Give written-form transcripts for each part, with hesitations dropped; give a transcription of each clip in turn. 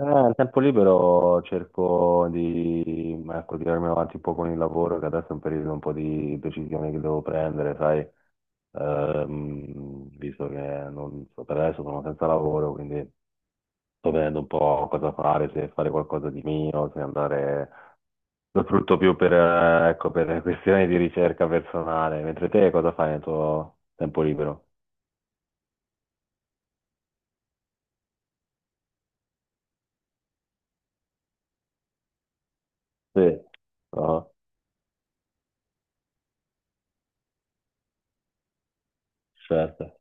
Al tempo libero cerco di, ecco, tirarmi avanti un po' con il lavoro, che adesso è un periodo un po' di decisione che devo prendere, sai. Visto che non so, per adesso sono senza lavoro, quindi sto vedendo un po' cosa fare, se fare qualcosa di mio, se andare, lo sfrutto più per, ecco, per questioni di ricerca personale. Mentre te cosa fai nel tuo tempo libero? Sì. No, certo.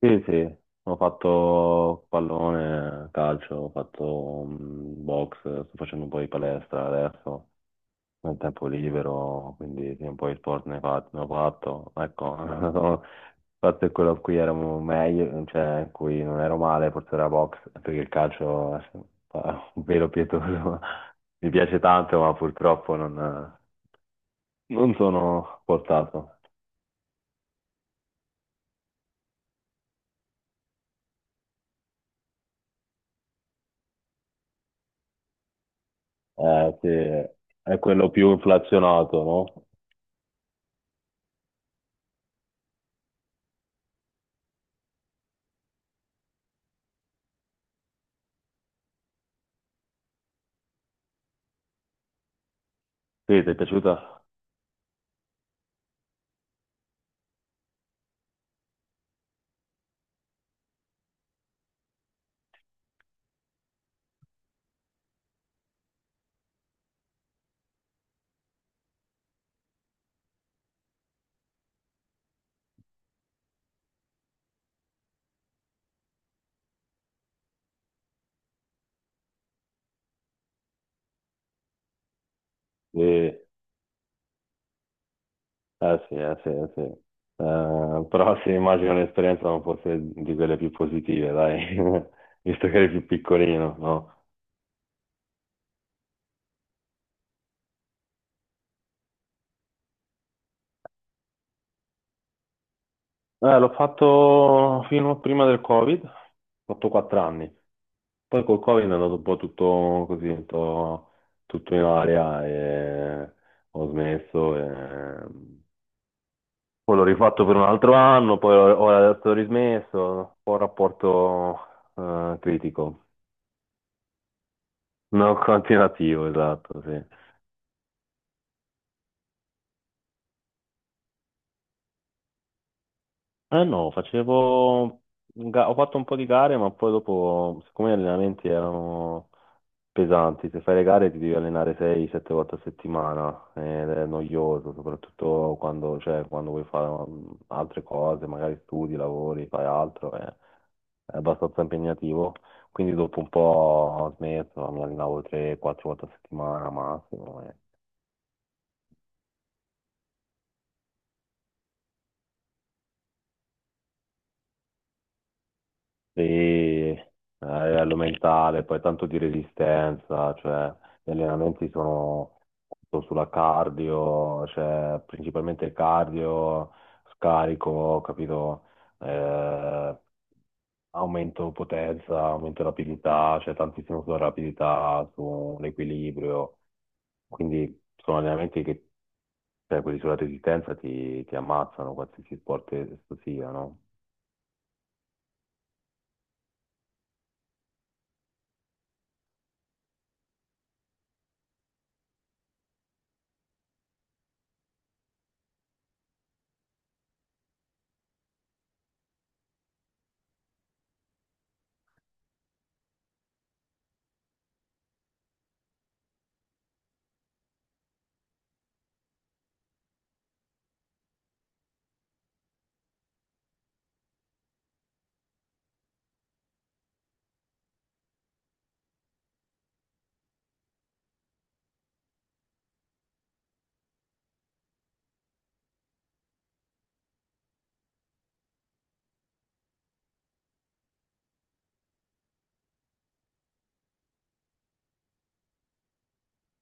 Sì, sì, ho fatto pallone, calcio, ho fatto box, sto facendo un po' di palestra adesso, nel tempo libero, quindi sì, un po' di sport ne, ne ho fatto. Ecco, il fatto è quello a cui ero meglio, cioè in cui non ero male, forse era box, perché il calcio è un velo pietoso. Mi piace tanto, ma purtroppo non sono portato. Eh sì, è quello più inflazionato, no? Sì, ti è piaciuta? Sì, eh sì, eh sì, eh sì. Però sì, immagino l'esperienza non fosse di quelle più positive, dai, visto che eri più piccolino, no? L'ho fatto fino prima del Covid, ho fatto 4 anni, poi col Covid è andato un po' tutto così, un po' tutto in aria e ho smesso. Poi l'ho rifatto per un altro anno, poi ora adesso ho rismesso, un po' rapporto critico, non continuativo, esatto, sì. Eh no, ho fatto un po' di gare, ma poi dopo, siccome gli allenamenti erano pesanti, se fai le gare ti devi allenare 6-7 volte a settimana ed è noioso, soprattutto quando, cioè, quando vuoi fare altre cose, magari studi, lavori, fai altro, è abbastanza impegnativo. Quindi dopo un po' ho smesso, mi allenavo 3-4 volte a settimana massimo. Sì, a livello mentale, poi tanto di resistenza, cioè gli allenamenti sono tutto sulla cardio, cioè principalmente cardio, scarico, capito? Eh, Aumento potenza, aumento rapidità, cioè tantissimo sulla rapidità, sull'equilibrio, quindi sono allenamenti che, cioè quelli sulla resistenza ti ammazzano, qualsiasi sport esso sia, no?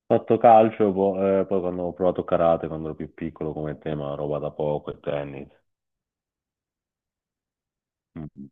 Fatto calcio, poi quando ho provato karate, quando ero più piccolo come tema, roba da poco e tennis. Mm.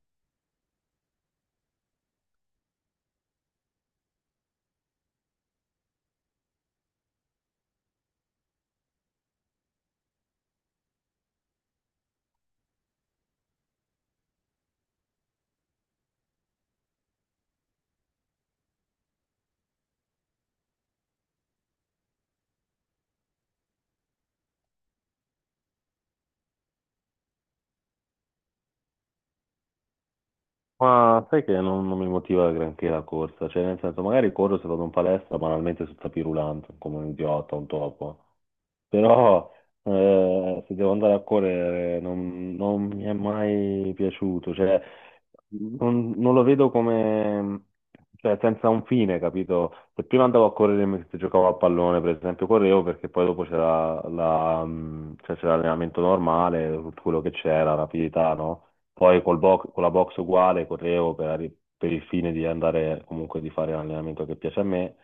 Ma sai che non mi motiva granché la corsa, cioè nel senso magari corro se vado in palestra banalmente sul tapis roulant, come un idiota, un topo. Però se devo andare a correre non mi è mai piaciuto, cioè non lo vedo come, cioè senza un fine, capito? Se prima andavo a correre mentre giocavo a pallone, per esempio, correvo perché poi dopo c'era la, cioè, c'era l'allenamento normale, tutto quello che c'era, rapidità, no? Poi col box, con la box uguale correvo per, per il fine di andare comunque di fare l'allenamento che piace a me.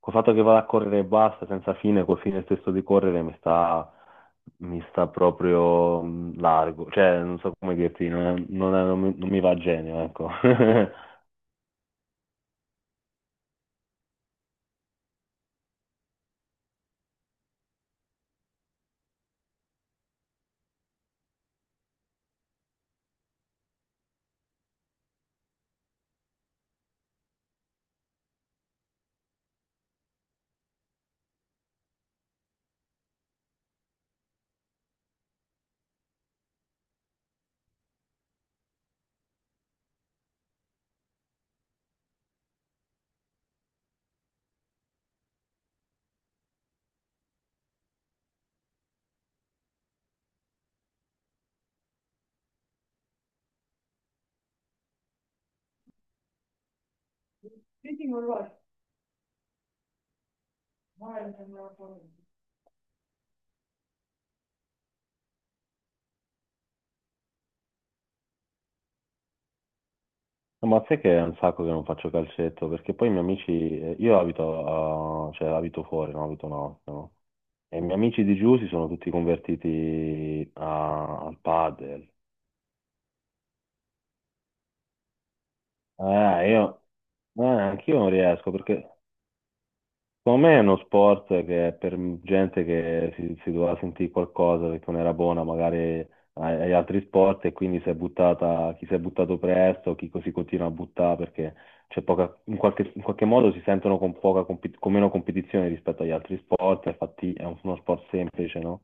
Col fatto che vado a correre e basta, senza fine, col fine stesso di correre mi sta proprio largo. Cioè, non so come dirti, non mi va a genio, ecco. No, ma sai che è un sacco che non faccio calcetto, perché poi i miei amici, io abito, cioè, abito fuori, no? Abito no, no. E i miei amici di giù si sono tutti convertiti al padel. Eh, io, Anch'io non riesco perché. Secondo me è uno sport che è per gente che si doveva sentire qualcosa perché non era buona magari agli altri sport e quindi si è buttata, chi si è buttato presto, chi si continua a buttare perché c'è poca, in qualche modo si sentono con, poca, con meno competizione rispetto agli altri sport, infatti è uno sport semplice, no?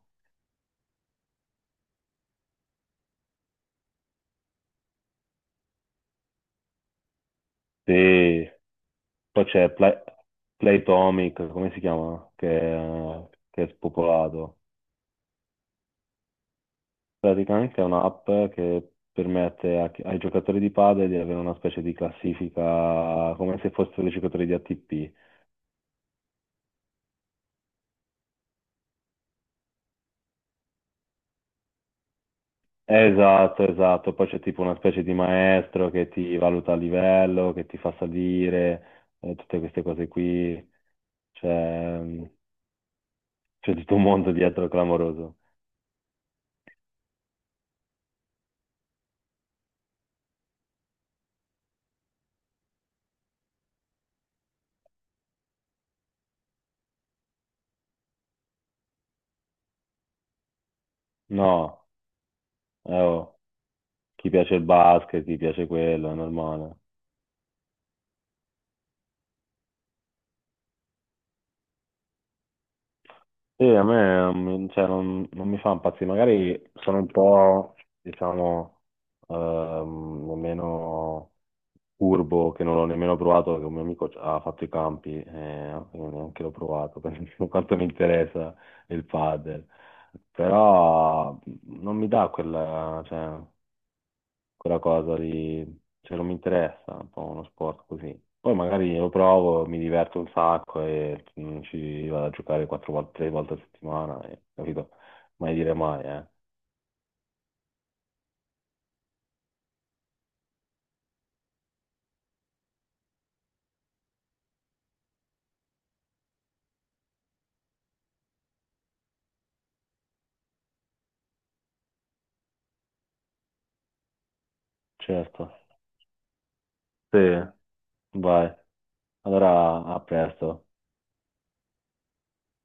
Sì. Poi c'è Playtomic, come si chiama? Che è spopolato. Praticamente è un'app che permette a ai giocatori di padel di avere una specie di classifica come se fossero dei giocatori di ATP. Esatto, esatto. Poi c'è tipo una specie di maestro che ti valuta a livello, che ti fa salire, tutte queste cose qui. C'è c'è tutto un mondo dietro clamoroso. No, oh, chi piace il basket, chi piace quello, è normale. Sì, a me non mi- cioè, non mi fa impazzire, magari sono un po', diciamo, meno curvo che non l'ho nemmeno provato, perché un mio amico ha fatto i campi e io neanche l'ho provato, per quanto mi interessa il padel, però non mi dà quella, cioè, quella cosa lì, cioè non mi interessa un po' uno sport così. Poi magari lo provo, mi diverto un sacco e ci vado a giocare 4 volte, 3 volte a settimana, capito? Mai dire mai, eh. Certo. Sì, vai. Allora, a presto.